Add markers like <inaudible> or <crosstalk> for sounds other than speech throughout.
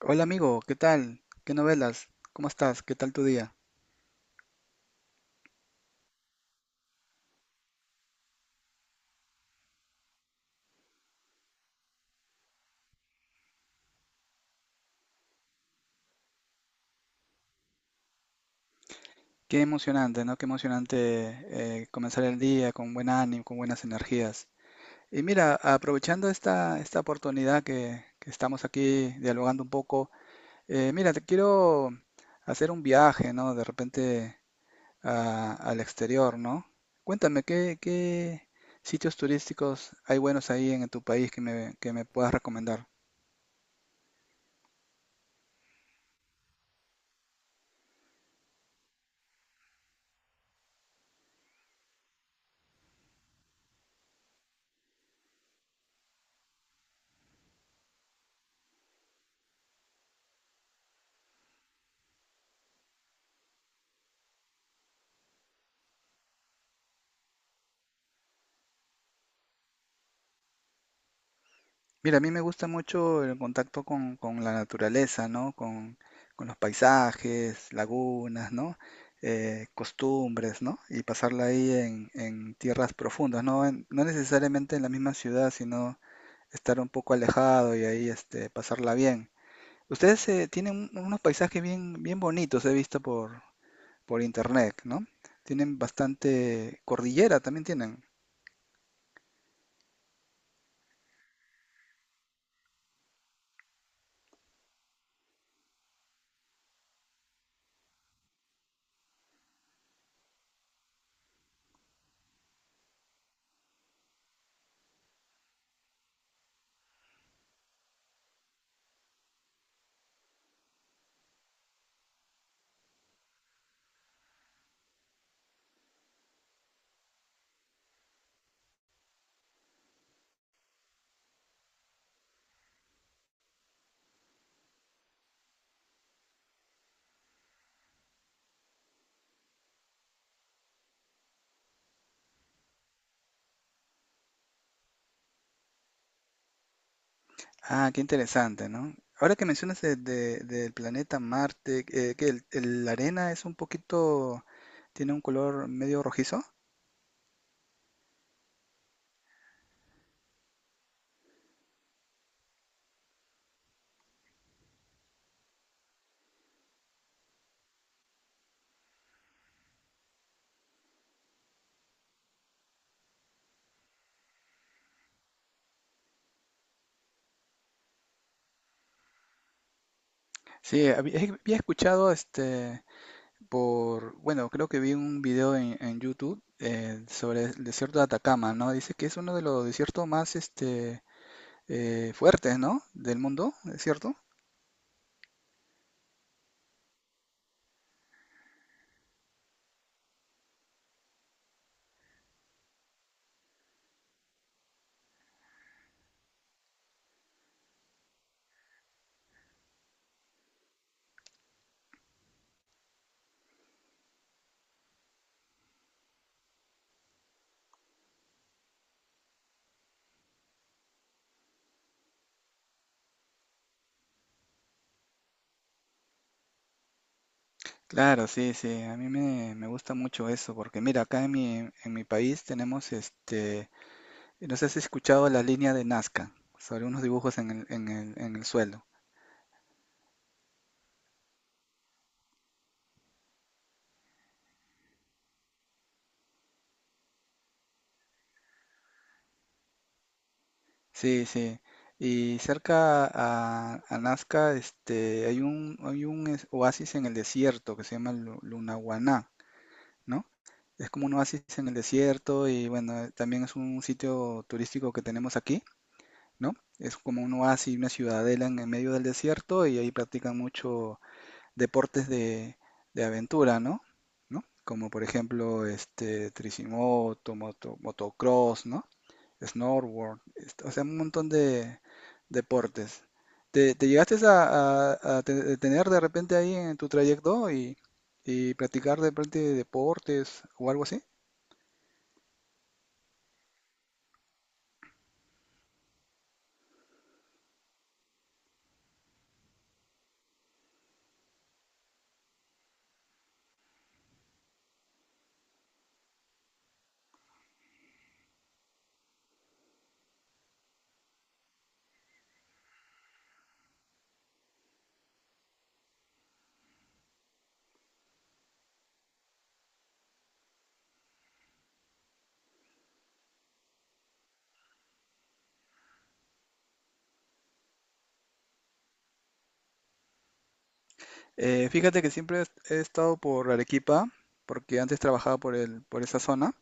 Hola amigo, ¿qué tal? ¿Qué novelas? ¿Cómo estás? ¿Qué tal tu día? Qué emocionante, ¿no? Qué emocionante comenzar el día con buen ánimo, con buenas energías. Y mira, aprovechando esta oportunidad que estamos aquí dialogando un poco, mira, te quiero hacer un viaje, ¿no? De repente al exterior, ¿no? Cuéntame, ¿qué sitios turísticos hay buenos ahí en tu país que me puedas recomendar? Mira, a mí me gusta mucho el contacto con la naturaleza, ¿no? Con los paisajes, lagunas, ¿no? Costumbres, ¿no? Y pasarla ahí en tierras profundas, ¿no? No necesariamente en la misma ciudad, sino estar un poco alejado y ahí este, pasarla bien. Ustedes tienen unos paisajes bien bonitos, he visto por internet, ¿no? Tienen bastante cordillera, también tienen. Ah, qué interesante, ¿no? Ahora que mencionas del planeta Marte, que la arena es un poquito, tiene un color medio rojizo. Sí, había escuchado este por, bueno, creo que vi un video en YouTube sobre el desierto de Atacama, ¿no? Dice que es uno de los desiertos más este fuertes, ¿no? Del mundo, ¿es cierto? Claro, sí, sí, a mí me gusta mucho eso, porque mira, acá en en mi país tenemos este. No sé si has escuchado la línea de Nazca sobre unos dibujos en el, en el, en el suelo. Sí, sí. Y cerca a Nazca este, hay un oasis en el desierto que se llama Lunahuaná, ¿no? Es como un oasis en el desierto y bueno, también es un sitio turístico que tenemos aquí, ¿no? Es como un oasis, una ciudadela en el medio del desierto y ahí practican mucho deportes de aventura, ¿no? ¿No? Como por ejemplo, este, tricimoto, motocross, ¿no? Snowboard, este, o sea, un montón de deportes. ¿Te llegaste tener de repente ahí en tu trayecto y practicar de repente deportes o algo así? Fíjate que siempre he estado por Arequipa, porque antes trabajaba por por esa zona.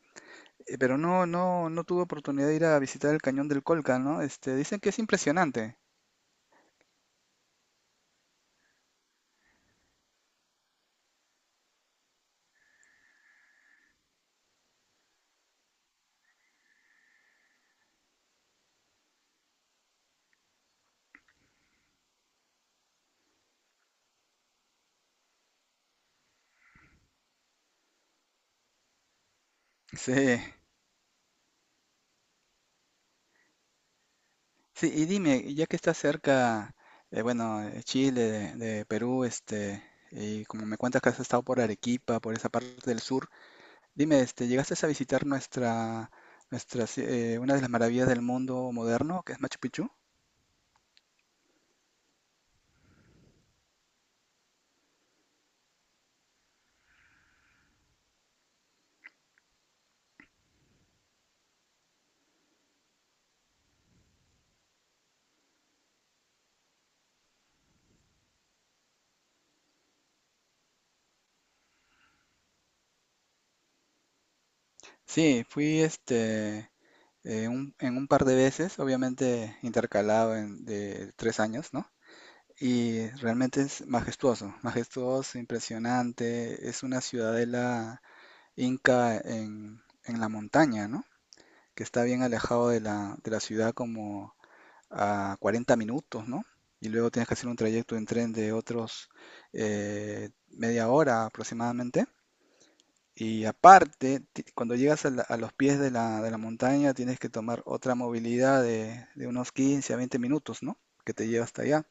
Pero no, no, no tuve oportunidad de ir a visitar el Cañón del Colca, ¿no? Este, dicen que es impresionante. <laughs> Sí, sí, y dime, ya que está cerca, bueno, Chile, de Perú, este, y como me cuentas que has estado por Arequipa, por esa parte del sur, dime, este, ¿llegaste a visitar nuestra, una de las maravillas del mundo moderno, que es Machu Picchu? Sí, fui, este, en un par de veces, obviamente intercalado en, de 3 años, ¿no? Y realmente es majestuoso, impresionante. Es una ciudadela inca en la montaña, ¿no? Que está bien alejado de de la ciudad como a 40 minutos, ¿no? Y luego tienes que hacer un trayecto en tren de otros media hora aproximadamente. Y aparte, cuando llegas a los pies de de la montaña, tienes que tomar otra movilidad de unos 15 a 20 minutos, ¿no? Que te lleva hasta allá.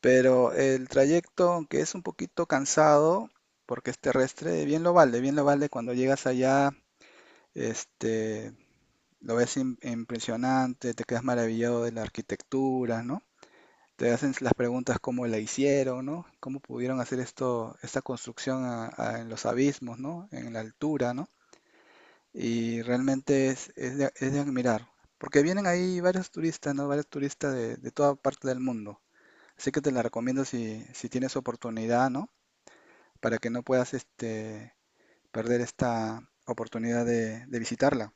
Pero el trayecto, aunque es un poquito cansado, porque es terrestre, bien lo vale cuando llegas allá, este, lo ves impresionante, te quedas maravillado de la arquitectura, ¿no? Te hacen las preguntas cómo la hicieron, ¿no? ¿Cómo pudieron hacer esto, esta construcción en los abismos, ¿no? En la altura, ¿no? Y realmente es de admirar, porque vienen ahí varios turistas, ¿no? Varios turistas de toda parte del mundo. Así que te la recomiendo si, si tienes oportunidad, ¿no? Para que no puedas este, perder esta oportunidad de visitarla.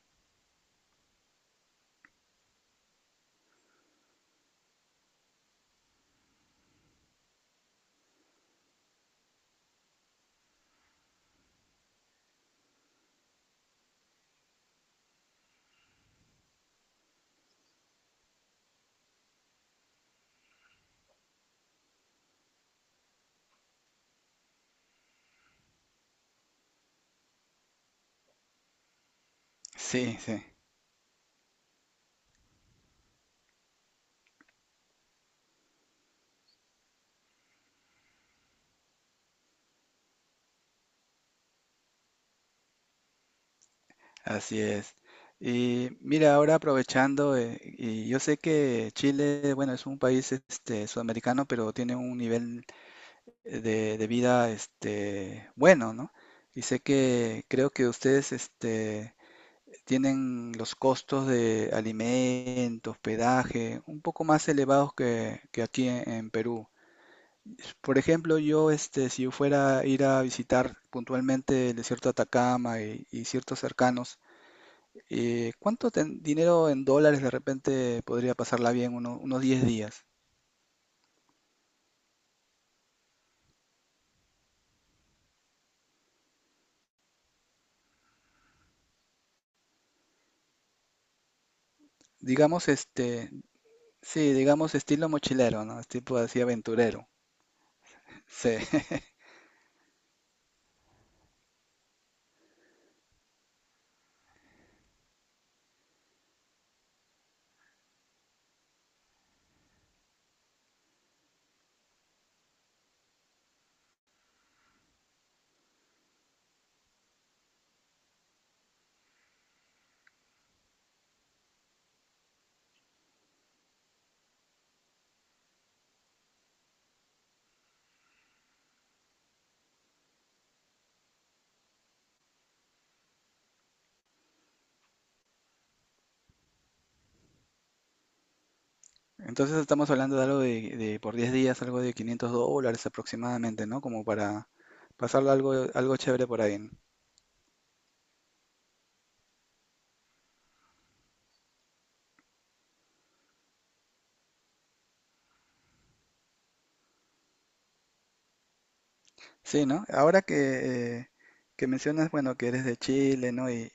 Sí, sí, así es. Y mira, ahora aprovechando, y yo sé que Chile, bueno, es un país este, sudamericano, pero tiene un nivel de vida este, bueno, ¿no? Y sé que creo que ustedes este, tienen los costos de alimentos, hospedaje, un poco más elevados que aquí en Perú. Por ejemplo, yo, este, si yo fuera a ir a visitar puntualmente el desierto de Atacama y ciertos cercanos, ¿cuánto dinero en dólares de repente podría pasarla bien unos 10 días? Digamos, este, sí, digamos estilo mochilero, ¿no? Es tipo así aventurero. Sí. <laughs> Entonces estamos hablando de algo de por 10 días, algo de 500 dólares aproximadamente, ¿no? Como para pasarlo algo, algo chévere por ahí, ¿no? Sí, ¿no? Ahora que mencionas, bueno, que eres de Chile, ¿no? Y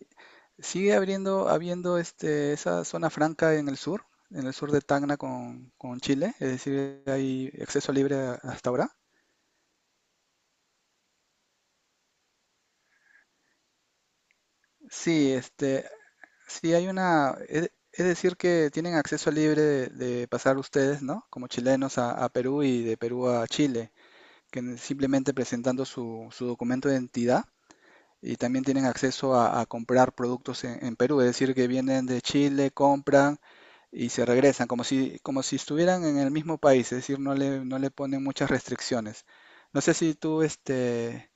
sigue abriendo habiendo este, esa zona franca en el sur de Tacna con Chile, es decir, hay acceso libre hasta ahora. Sí, este, sí hay una, es decir, que tienen acceso libre de pasar ustedes, ¿no? Como chilenos a Perú y de Perú a Chile, simplemente presentando su documento de identidad y también tienen acceso a comprar productos en Perú, es decir, que vienen de Chile, compran y se regresan, como si estuvieran en el mismo país, es decir, no le, no le ponen muchas restricciones. No sé si tú este,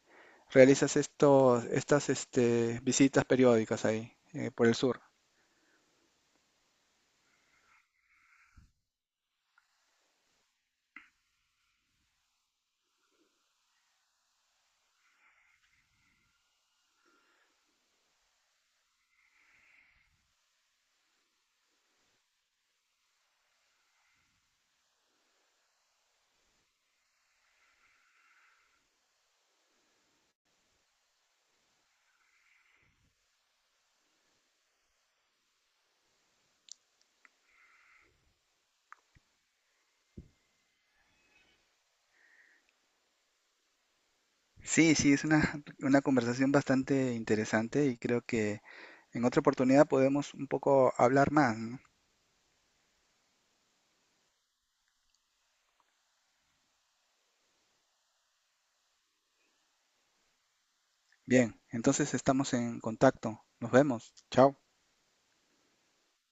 realizas estos, estas este, visitas periódicas ahí, por el sur. Sí, sí, es una conversación bastante interesante y creo que en otra oportunidad podemos un poco hablar más, ¿no? Bien, entonces estamos en contacto. Nos vemos. Chao.